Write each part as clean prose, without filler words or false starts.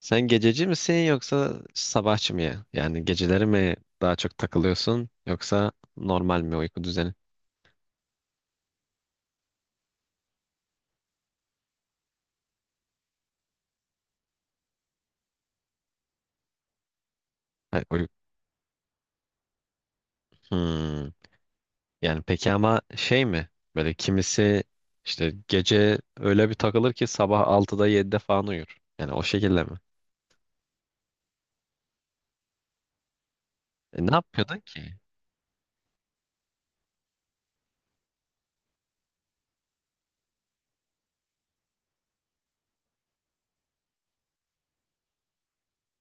Sen gececi misin yoksa sabahçı mı ya? Yani geceleri mi daha çok takılıyorsun yoksa normal mi uyku düzeni? Hay- uy- Hmm. Yani peki ama şey mi? Böyle kimisi işte gece öyle bir takılır ki sabah 6'da 7'de falan uyur. Yani o şekilde mi? Ne yapıyordun ki?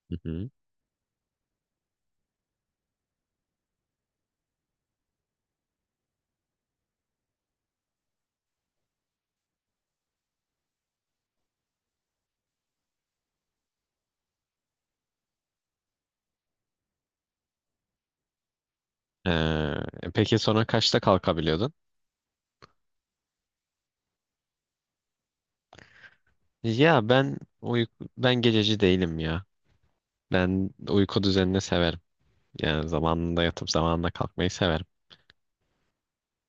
Hı hı. Ee, peki sonra kaçta kalkabiliyordun? Ya ben gececi değilim ya. Ben uyku düzenini severim. Yani zamanında yatıp zamanında kalkmayı severim.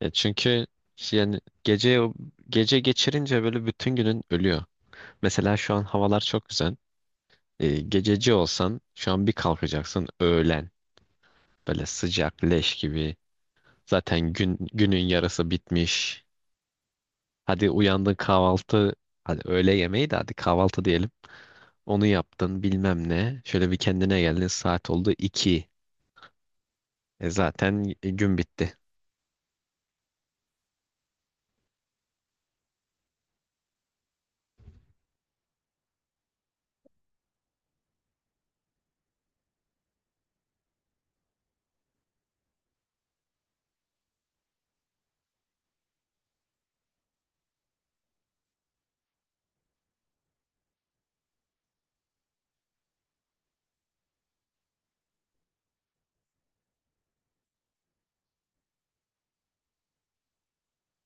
Ya çünkü yani gece geçirince böyle bütün günün ölüyor. Mesela şu an havalar çok güzel. Gececi olsan şu an bir kalkacaksın öğlen. Böyle sıcak leş gibi. Zaten günün yarısı bitmiş. Hadi uyandın kahvaltı. Hadi öğle yemeği de hadi kahvaltı diyelim. Onu yaptın bilmem ne. Şöyle bir kendine geldin saat oldu 2. Gün bitti.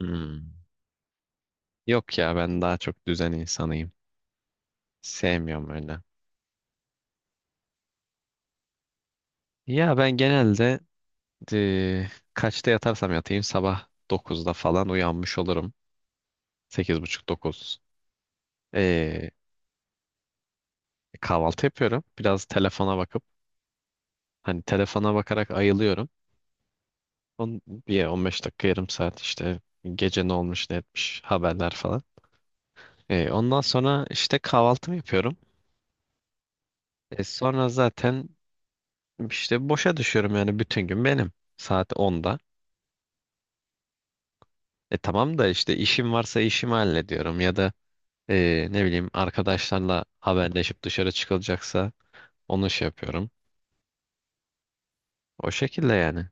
Hmm. Yok ya ben daha çok düzen insanıyım. Sevmiyorum öyle. Ya ben genelde Eee, kaçta yatarsam yatayım sabah 9'da falan uyanmış olurum. 8.30-9. Eee kahvaltı yapıyorum. Biraz telefona bakıp hani telefona bakarak ayılıyorum. On, bir 15 dakika yarım saat işte gece ne olmuş ne etmiş haberler falan. Ondan sonra işte kahvaltımı yapıyorum. Sonra zaten işte boşa düşüyorum yani bütün gün benim. Saat onda. Tamam da işte işim varsa işimi hallediyorum ya da ne bileyim arkadaşlarla haberleşip dışarı çıkılacaksa onu şey yapıyorum. O şekilde yani.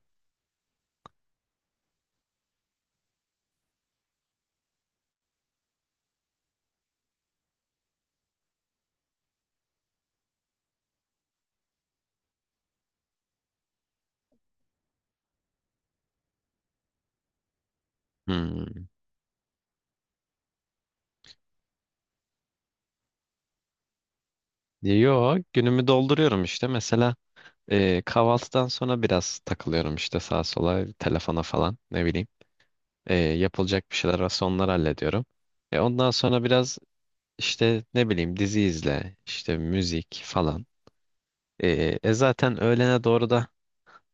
Hmm. Yo günümü dolduruyorum işte. Mesela kahvaltıdan sonra biraz takılıyorum işte sağa sola telefona falan ne bileyim. Yapılacak bir şeyler varsa onları hallediyorum. Ondan sonra biraz İşte ne bileyim dizi izle, işte müzik falan. Zaten öğlene doğru da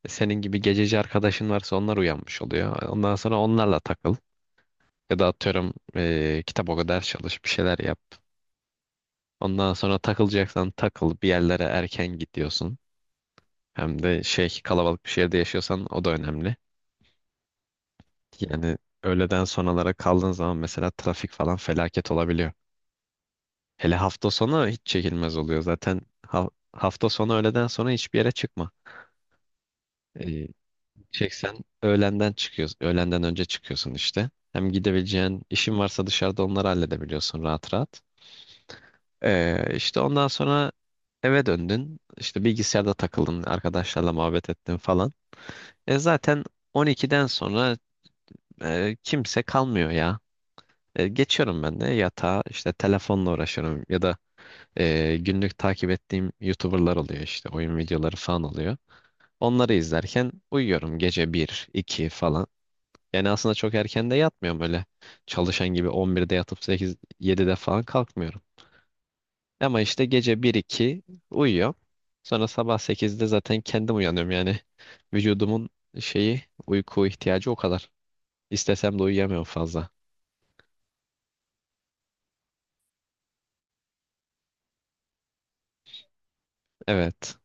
senin gibi gececi arkadaşın varsa onlar uyanmış oluyor. Ondan sonra onlarla takıl. Ya da atıyorum kitap oku, ders çalış, bir şeyler yap. Ondan sonra takılacaksan takıl, bir yerlere erken gidiyorsun. Hem de şey kalabalık bir şehirde yaşıyorsan o da önemli. Yani öğleden sonralara kaldığın zaman mesela trafik falan felaket olabiliyor. Hele hafta sonu hiç çekilmez oluyor. Zaten hafta sonu öğleden sonra hiçbir yere çıkma. Ee, çeksen öğlenden çıkıyorsun. Öğlenden önce çıkıyorsun işte. Hem gidebileceğin işin varsa dışarıda onları halledebiliyorsun rahat rahat. İşte ondan sonra eve döndün. İşte bilgisayarda takıldın. Arkadaşlarla muhabbet ettin falan. E zaten 12'den sonra kimse kalmıyor ya. Geçiyorum ben de yatağa işte telefonla uğraşıyorum ya da günlük takip ettiğim YouTuber'lar oluyor işte oyun videoları falan oluyor. Onları izlerken uyuyorum gece bir 2 falan. Yani aslında çok erken de yatmıyorum öyle. Çalışan gibi 11'de yatıp 8 7'de falan kalkmıyorum. Ama işte gece bir iki uyuyorum. Sonra sabah 8'de zaten kendim uyanıyorum yani. Vücudumun şeyi uyku ihtiyacı o kadar. İstesem de uyuyamıyorum fazla. Evet.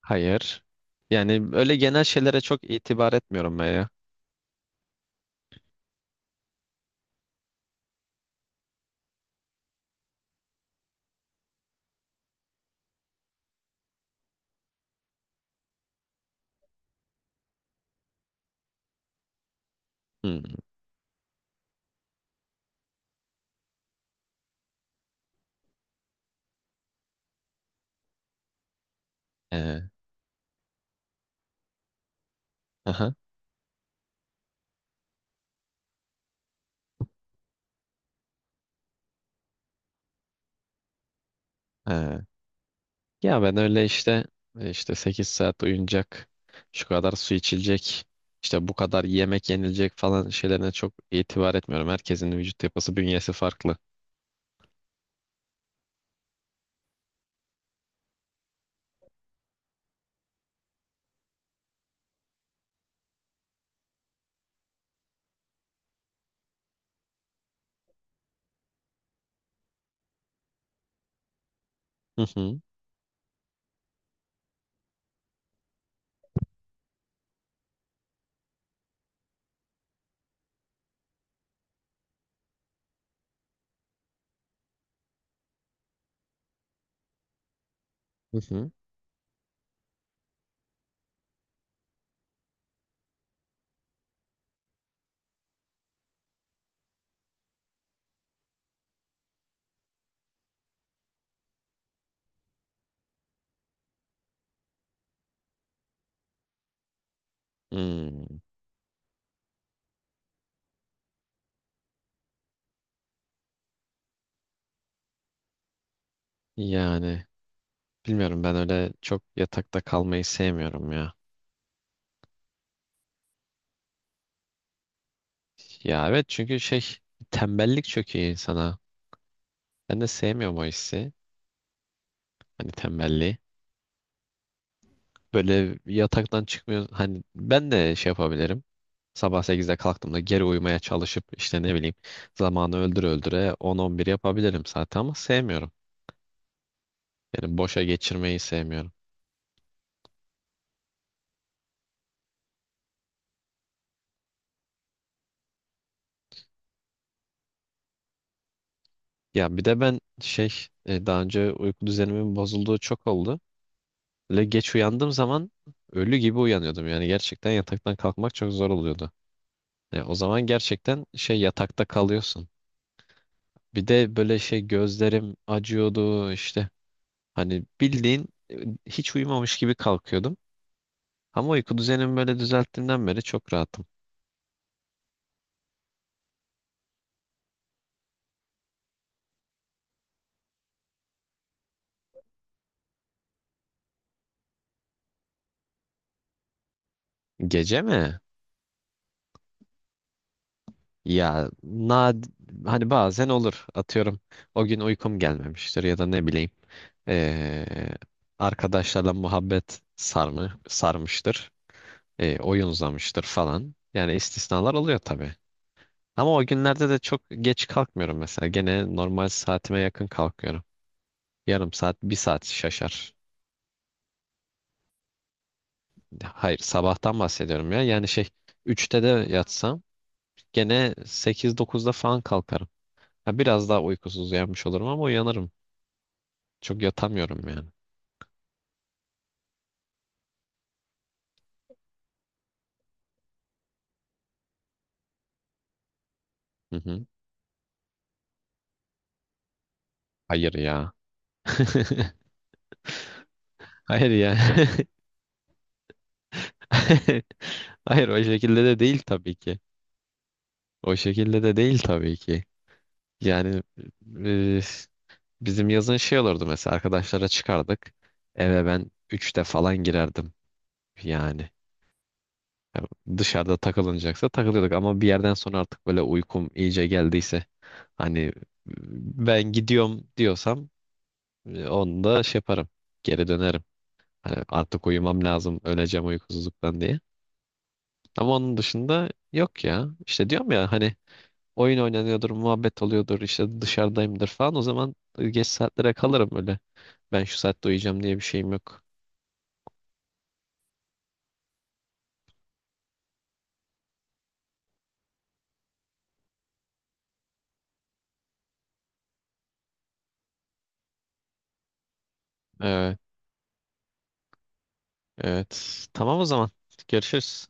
Hayır. Yani öyle genel şeylere çok itibar etmiyorum ben ya. Hmm. Ee, aha. Ee. Ya ben öyle işte işte 8 saat uyunacak, şu kadar su içilecek, işte bu kadar yemek yenilecek falan şeylerine çok itibar etmiyorum. Herkesin vücut yapısı, bünyesi farklı. Hı hı. Hı hı. Hmm. Yani. Bilmiyorum ben öyle çok yatakta kalmayı sevmiyorum ya. Ya evet çünkü şey tembellik çöküyor insana. Ben de sevmiyorum o hissi. Hani tembelliği. Böyle yataktan çıkmıyor. Hani ben de şey yapabilirim. Sabah 8'de kalktığımda geri uyumaya çalışıp işte ne bileyim zamanı öldüre öldüre 10-11 yapabilirim zaten ama sevmiyorum. Yani boşa geçirmeyi sevmiyorum. Ya bir de ben şey daha önce uyku düzenimin bozulduğu çok oldu. Böyle geç uyandığım zaman ölü gibi uyanıyordum. Yani gerçekten yataktan kalkmak çok zor oluyordu. Ya o zaman gerçekten şey yatakta kalıyorsun. Bir de böyle şey gözlerim acıyordu işte. Hani bildiğin hiç uyumamış gibi kalkıyordum. Ama uyku düzenimi böyle düzelttiğimden beri çok rahatım. Gece mi? Ya nad hani bazen olur. Atıyorum o gün uykum gelmemiştir ya da ne bileyim. ee, arkadaşlarla muhabbet sarmı sarmıştır. Oyun uzamıştır falan. Yani istisnalar oluyor tabii. Ama o günlerde de çok geç kalkmıyorum mesela. Gene normal saatime yakın kalkıyorum. Yarım saat, bir saat şaşar. Hayır, sabahtan bahsediyorum ya. Yani şey, 3'te de yatsam gene 8-9'da falan kalkarım. Ha, biraz daha uykusuz uyanmış olurum ama uyanırım. Çok yatamıyorum yani. Hı hı. Hayır ya. Hayır ya. Hayır o şekilde de değil tabii ki. O şekilde de değil tabii ki. Yani e, bizim yazın şey olurdu mesela arkadaşlara çıkardık. Eve ben 3'te falan girerdim yani. Ya dışarıda takılınacaksa takılıyorduk ama bir yerden sonra artık böyle uykum iyice geldiyse hani ben gidiyorum diyorsam onu da şey yaparım. Geri dönerim. Hani artık uyumam lazım öleceğim uykusuzluktan diye. Ama onun dışında yok ya. İşte diyorum ya hani oyun oynanıyordur, muhabbet oluyordur, işte dışarıdayımdır falan o zaman geç saatlere kalırım öyle. Ben şu saatte uyuyacağım diye bir şeyim yok. Evet, evet. Tamam o zaman. Görüşürüz.